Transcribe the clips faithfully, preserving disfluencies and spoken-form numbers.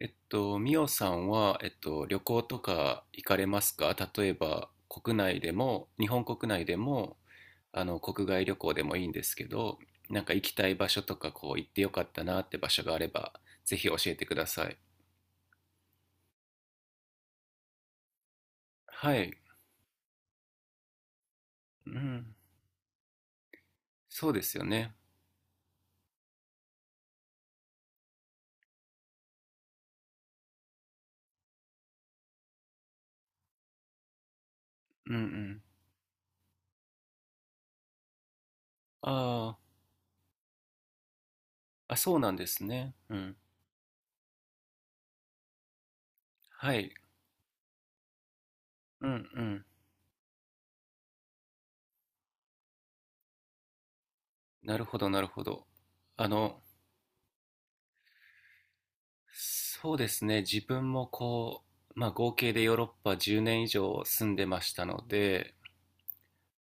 えっと、ミオさんは、えっと、旅行とか行かれますか？例えば、国内でも、日本国内でも、あの、国外旅行でもいいんですけど、なんか行きたい場所とか、こう、行ってよかったなって場所があれば、ぜひ教えてください。はい。うん。そうですよね。うんうん。ああ、あ、そうなんですね。うん。はい。うんうん。なるほど、なるほど。あの、そうですね。自分もこう、まあ合計でヨーロッパじゅうねん以上住んでましたので、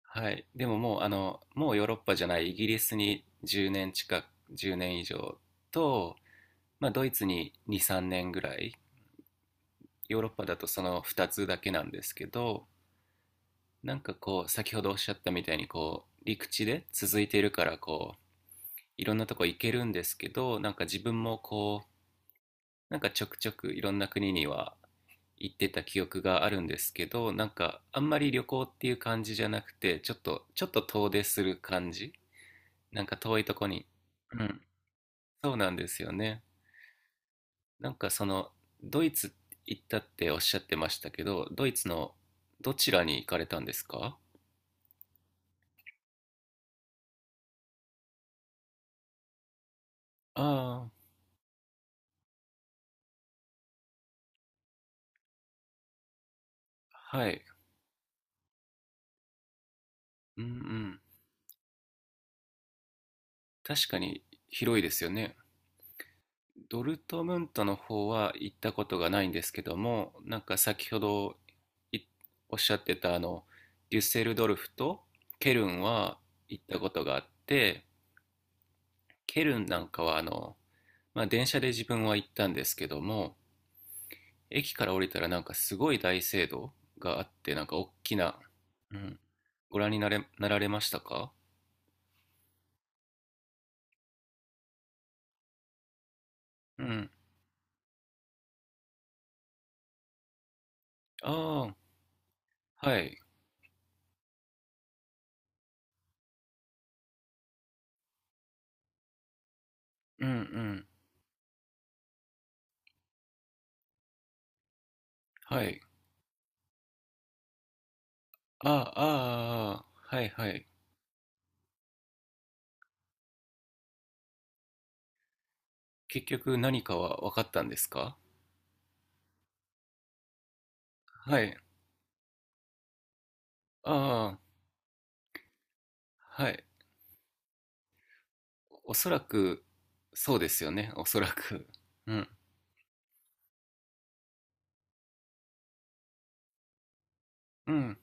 はい。でももうあの、もうヨーロッパじゃないイギリスにじゅうねん近く、じゅうねん以上と、まあドイツにに、さんねんぐらい、ヨーロッパだとそのふたつだけなんですけど、なんかこう、先ほどおっしゃったみたいにこう、陸地で続いているからこう、いろんなとこ行けるんですけど、なんか自分もこう、なんかちょくちょくいろんな国には行ってた記憶があるんですけど、なんかあんまり旅行っていう感じじゃなくて、ちょっとちょっと遠出する感じ。なんか遠いとこに。うん。そうなんですよね。なんかその、ドイツ行ったっておっしゃってましたけど、ドイツのどちらに行かれたんですか？ああ、ーはい。うんうん。確かに広いですよね。ドルトムントの方は行ったことがないんですけども、なんか先ほどいおっしゃってたあのデュッセルドルフとケルンは行ったことがあって、ケルンなんかはあの、まあ、電車で自分は行ったんですけども、駅から降りたらなんかすごい大聖堂があって、なんか大きな、うん、ご覧になれなられましたか？うん。ああ、はい。うんうん。はい。ああ、ああ、はいはい。結局何かは分かったんですか？はい。ああ、はい。おそらく、そうですよね、おそらく。うん。うん。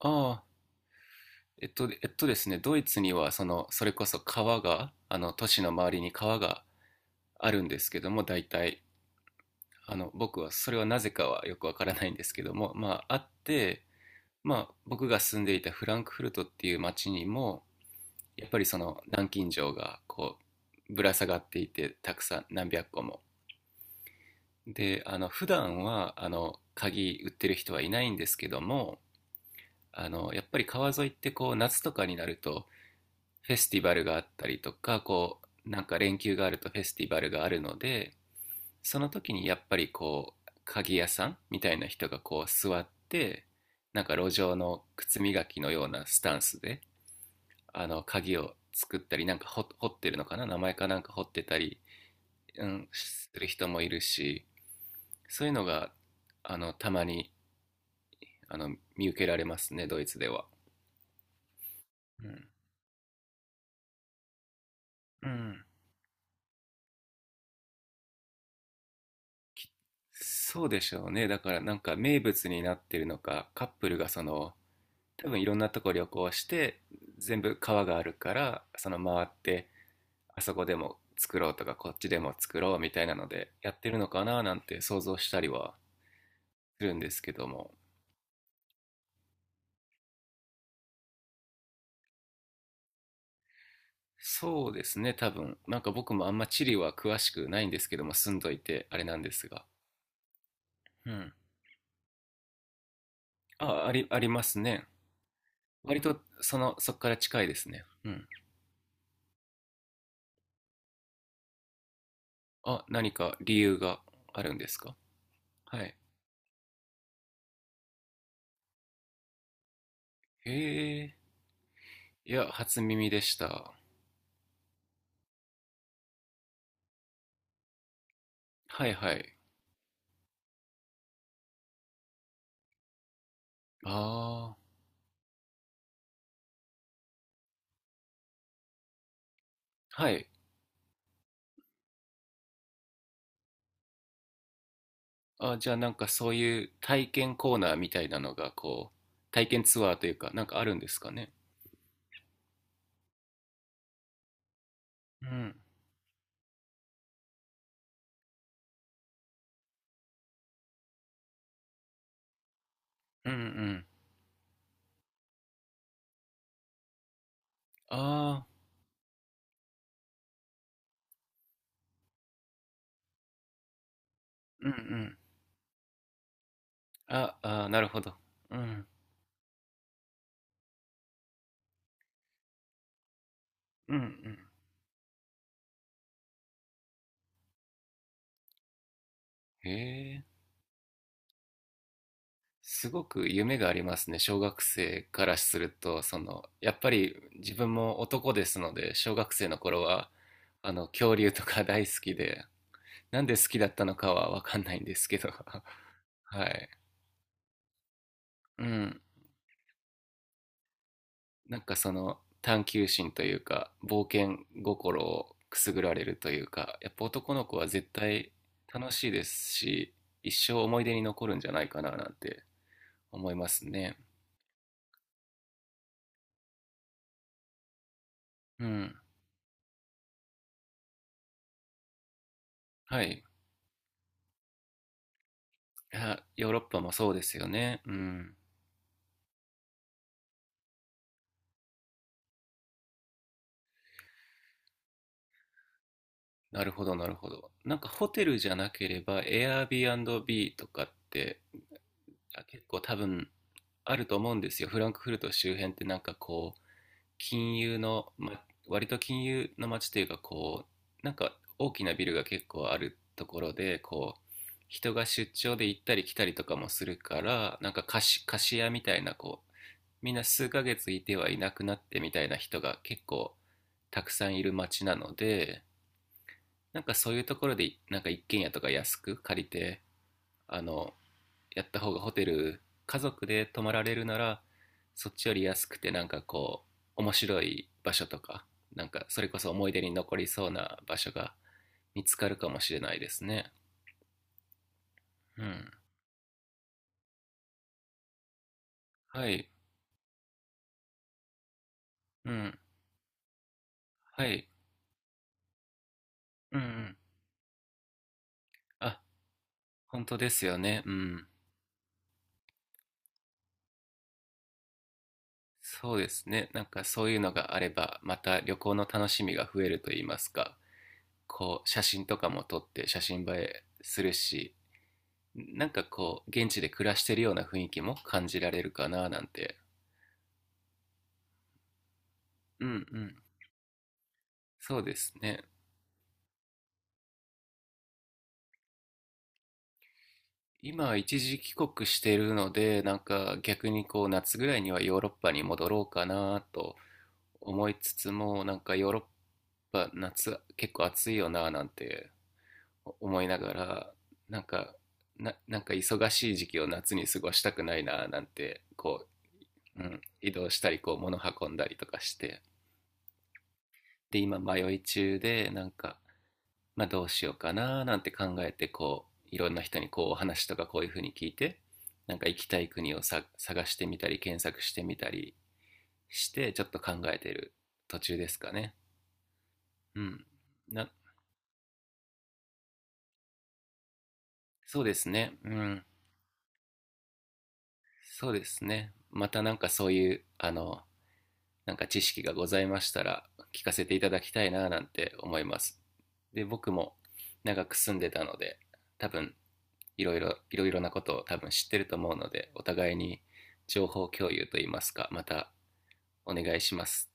ああ、えっと、えっとですね、ドイツには、その、それこそ川が、あの、都市の周りに川があるんですけども、大体、あの、僕は、それはなぜかはよくわからないんですけども、まあ、あって、まあ、僕が住んでいたフランクフルトっていう町にも、やっぱりその、南京錠が、こう、ぶら下がっていて、たくさん、何百個も。で、あの、普段は、あの、鍵売ってる人はいないんですけども、あの、やっぱり川沿いってこう夏とかになるとフェスティバルがあったりとか、こうなんか連休があるとフェスティバルがあるので、その時にやっぱりこう鍵屋さんみたいな人がこう座って、なんか路上の靴磨きのようなスタンスで、あの鍵を作ったり、なんか掘ってるのかな、名前かなんか掘ってたり、うん、する人もいるし、そういうのがあのたまにあの見受けられますね、ドイツでは。うん、うん。そうでしょうね。だからなんか名物になってるのか、カップルがその、多分いろんなとこ旅行して、全部川があるから、その回って、あそこでも作ろうとか、こっちでも作ろうみたいなので、やってるのかななんて想像したりはするんですけども。そうですね、多分。なんか僕もあんま地理は詳しくないんですけども、住んどいてあれなんですが。うん。あ、あり、ありますね。割と、その、そっから近いですね。うん。あ、何か理由があるんですか？はい。へえ、いや、初耳でした。はいはい。ああ、はい。あ、じゃあなんかそういう体験コーナーみたいなのが、こう、体験ツアーというか、なんかあるんですかね？うん、うん、うん。ああ、うんうん。あ、あー、なるほど。うん、うん、うん。へえ、すごく夢がありますね。小学生からすると、その、やっぱり自分も男ですので、小学生の頃は、あの、恐竜とか大好きで、なんで好きだったのかはわかんないんですけど はい。うん。なんかその探求心というか、冒険心をくすぐられるというか、やっぱ男の子は絶対楽しいですし、一生思い出に残るんじゃないかななんて思いますね。うん。はい。あ、ヨーロッパもそうですよね。うん。なるほど、なるほど。なんかホテルじゃなければ、Airbnb とかって、あ、結構多分あると思うんですよ。フランクフルト周辺ってなんかこう、金融の、ま、割と金融の街というか、こうなんか大きなビルが結構あるところで、こう人が出張で行ったり来たりとかもするから、なんか貸し貸し屋みたいなこう、みんな数ヶ月いてはいなくなってみたいな人が結構たくさんいる街なので、なんかそういうところでなんか一軒家とか安く借りて、あのやった方が、ホテル家族で泊まられるならそっちより安くて、なんかこう面白い場所とか、なんかそれこそ思い出に残りそうな場所が見つかるかもしれないですね。うん。はい。うん。はい。うんうん。あ、本当ですよね。うん。そうですね。なんかそういうのがあれば、また旅行の楽しみが増えると言いますか、こう、写真とかも撮って写真映えするし、なんかこう、現地で暮らしてるような雰囲気も感じられるかななんて。うんうん。そうですね。今、一時帰国してるので、なんか逆にこう、夏ぐらいにはヨーロッパに戻ろうかなと思いつつも、なんかヨーロッパ、夏結構暑いよななんて思いながら、なんか、な、なんか忙しい時期を夏に過ごしたくないななんて、こう、うん、移動したり、こう、物運んだりとかして。で、今迷い中で、なんか、まあ、どうしようかななんて考えて、こういろんな人にこうお話とかこういうふうに聞いて、なんか行きたい国をさ、探してみたり検索してみたりして、ちょっと考えてる途中ですかね。うん、なそうですね。うん、そうですね。またなんかそういうあのなんか知識がございましたら、聞かせていただきたいななんて思います。で僕も長く住んでたので、多分いろいろ、いろいろなことを多分知ってると思うので、お互いに情報共有といいますか、またお願いします。